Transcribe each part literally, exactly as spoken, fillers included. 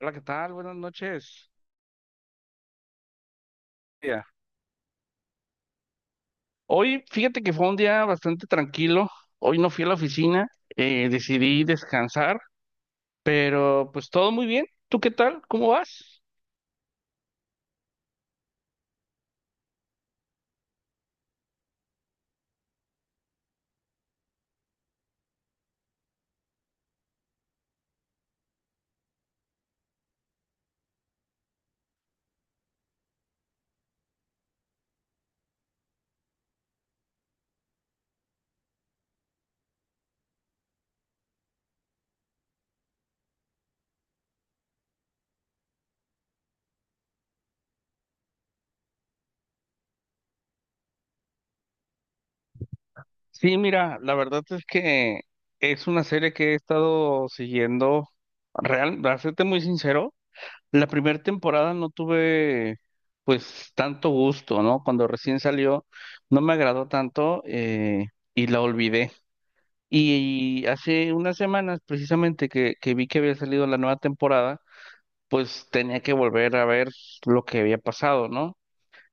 Hola, ¿qué tal? Buenas noches. Día. Hoy, fíjate que fue un día bastante tranquilo. Hoy no fui a la oficina, eh, decidí descansar, pero pues todo muy bien. ¿Tú qué tal? ¿Cómo vas? Sí, mira, la verdad es que es una serie que he estado siguiendo, real, para serte muy sincero, la primera temporada no tuve pues tanto gusto, ¿no? Cuando recién salió no me agradó tanto eh, y la olvidé. Y hace unas semanas, precisamente que, que vi que había salido la nueva temporada, pues tenía que volver a ver lo que había pasado, ¿no?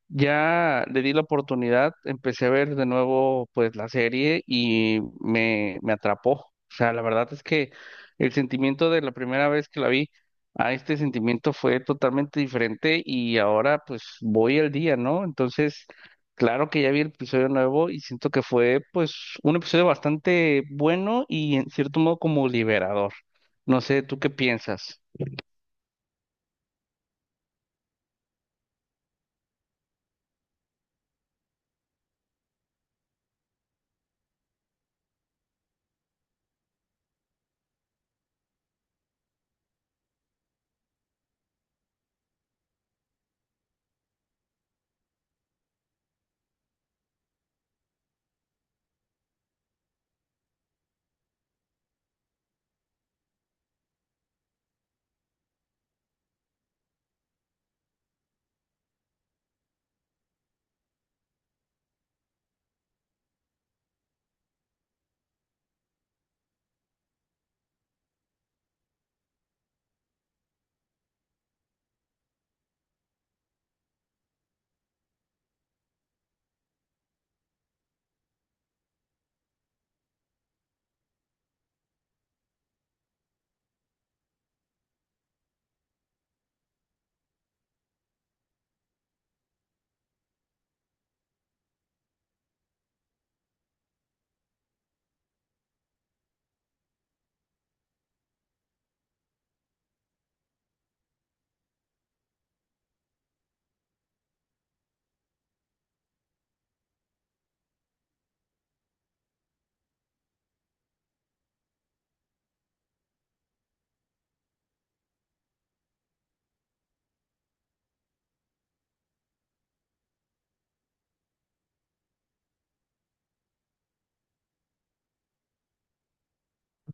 Ya le di la oportunidad, empecé a ver de nuevo pues la serie y me, me atrapó. O sea, la verdad es que el sentimiento de la primera vez que la vi a este sentimiento fue totalmente diferente y ahora pues voy al día, ¿no? Entonces, claro que ya vi el episodio nuevo y siento que fue pues un episodio bastante bueno y en cierto modo como liberador. No sé, ¿tú qué piensas?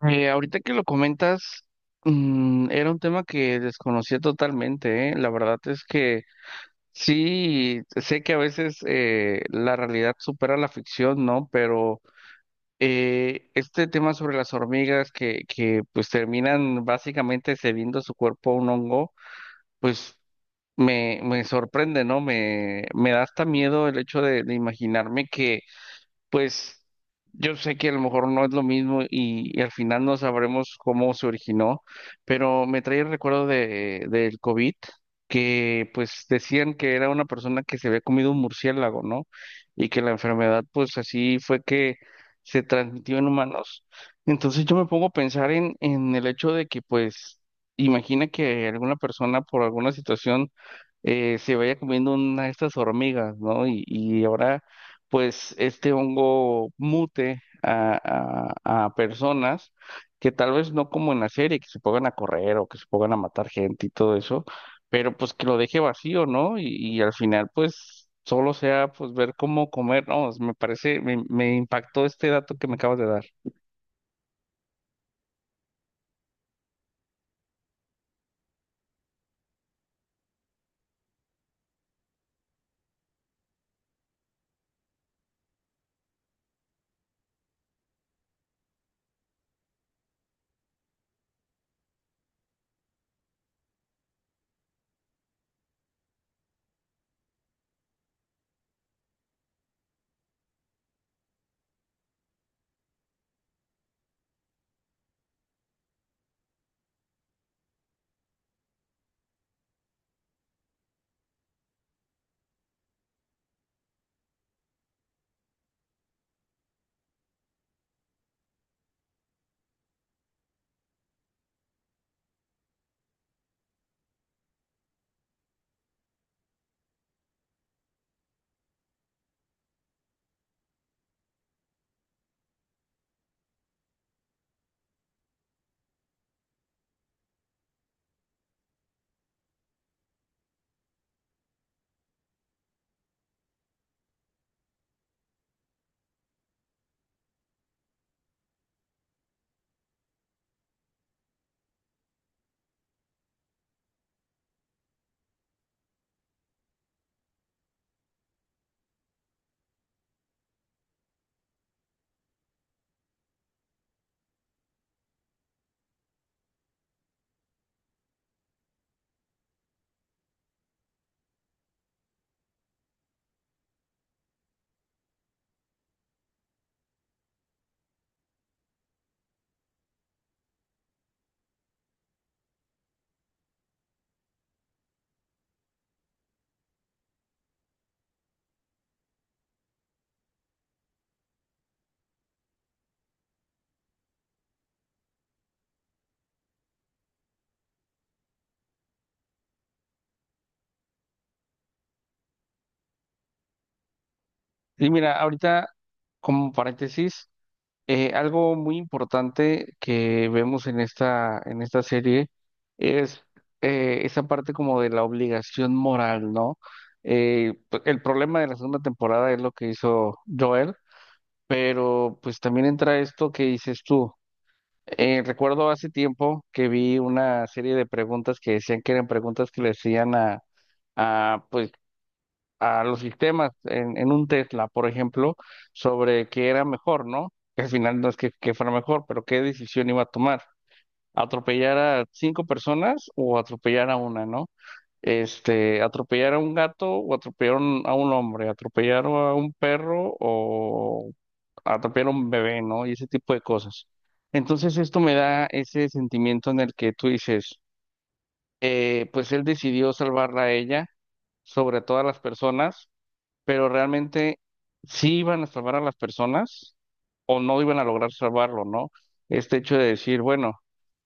Eh, ahorita que lo comentas, mm, era un tema que desconocía totalmente, ¿eh? La verdad es que sí, sé que a veces eh, la realidad supera la ficción, ¿no? Pero eh, este tema sobre las hormigas que, que pues terminan básicamente cediendo su cuerpo a un hongo, me, me sorprende, ¿no? Me, me da hasta miedo el hecho de de imaginarme que pues yo sé que a lo mejor no es lo mismo y, y al final no sabremos cómo se originó, pero me trae el recuerdo de, del COVID, que pues decían que era una persona que se había comido un murciélago, ¿no? Y que la enfermedad pues así fue que se transmitió en humanos. Entonces yo me pongo a pensar en, en el hecho de que pues imagina que alguna persona por alguna situación eh, se vaya comiendo una de estas hormigas, ¿no? Y, y ahora pues este hongo mute a, a- a personas que tal vez no como en la serie, que se pongan a correr o que se pongan a matar gente y todo eso, pero pues que lo deje vacío, ¿no? Y, y al final pues solo sea pues ver cómo comer, no, me parece, me, me impactó este dato que me acabas de dar. Y mira, ahorita como paréntesis. Eh, algo muy importante que vemos en esta, en esta serie es eh, esa parte como de la obligación moral, ¿no? Eh, p- el problema de la segunda temporada es lo que hizo Joel, pero pues también entra esto que dices tú. Eh, recuerdo hace tiempo que vi una serie de preguntas que decían que eran preguntas que le hacían a, a los sistemas en, en un Tesla, por ejemplo, sobre qué era mejor, ¿no? Que al final no es que, que fuera mejor, pero qué decisión iba a tomar. ¿Atropellar a cinco personas o atropellar a una, ¿no? Este, atropellar a un gato o atropellar un- a un hombre, atropellar a un perro o atropellar a un bebé, ¿no? Y ese tipo de cosas. Entonces esto me da ese sentimiento en el que tú dices, eh, pues él decidió salvarla a ella sobre todas las personas pero realmente sí iban a salvar a las personas o no iban a lograr salvarlo, ¿no? Este hecho de decir, bueno,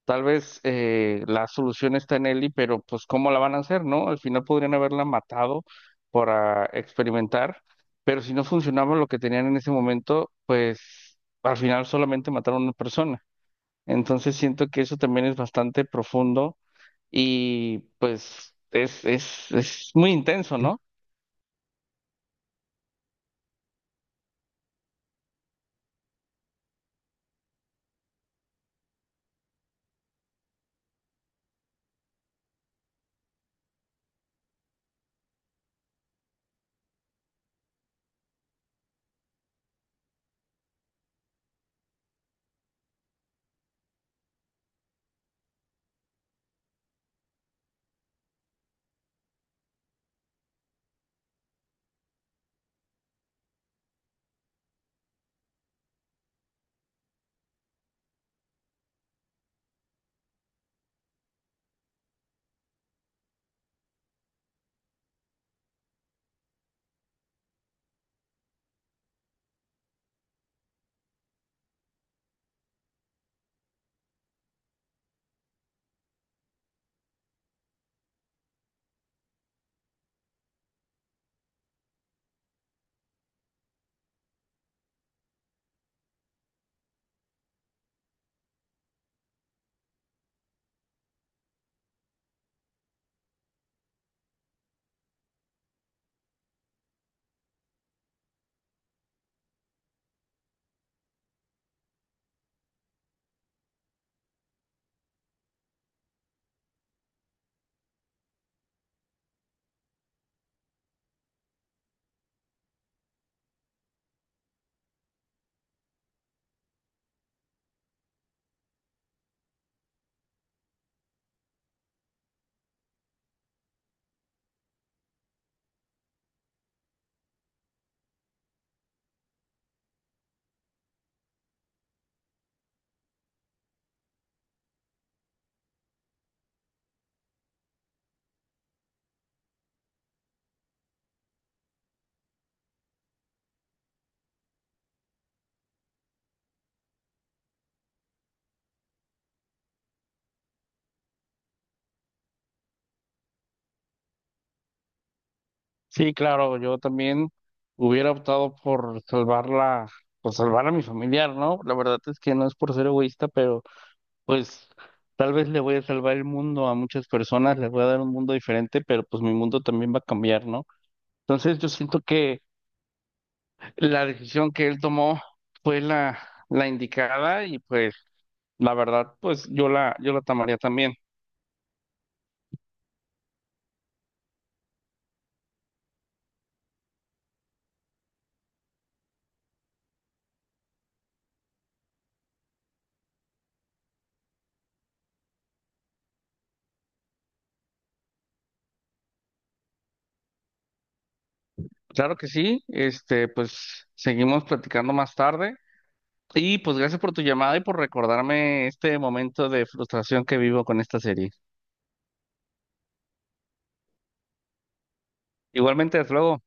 tal vez eh, la solución está en Ellie, pero pues ¿cómo la van a hacer, no? Al final podrían haberla matado para experimentar, pero si no funcionaba lo que tenían en ese momento, pues al final solamente mataron a una persona. Entonces siento que eso también es bastante profundo y pues es, es, es muy intenso, ¿no? Sí, claro, yo también hubiera optado por salvarla, pues salvar a mi familiar, ¿no? La verdad es que no es por ser egoísta, pero pues tal vez le voy a salvar el mundo a muchas personas, les voy a dar un mundo diferente, pero pues mi mundo también va a cambiar, ¿no? Entonces yo siento que la decisión que él tomó fue la, la indicada y pues la verdad, pues yo la, yo la tomaría también. Claro que sí, este, pues seguimos platicando más tarde. Y pues gracias por tu llamada y por recordarme este momento de frustración que vivo con esta serie. Igualmente, hasta luego.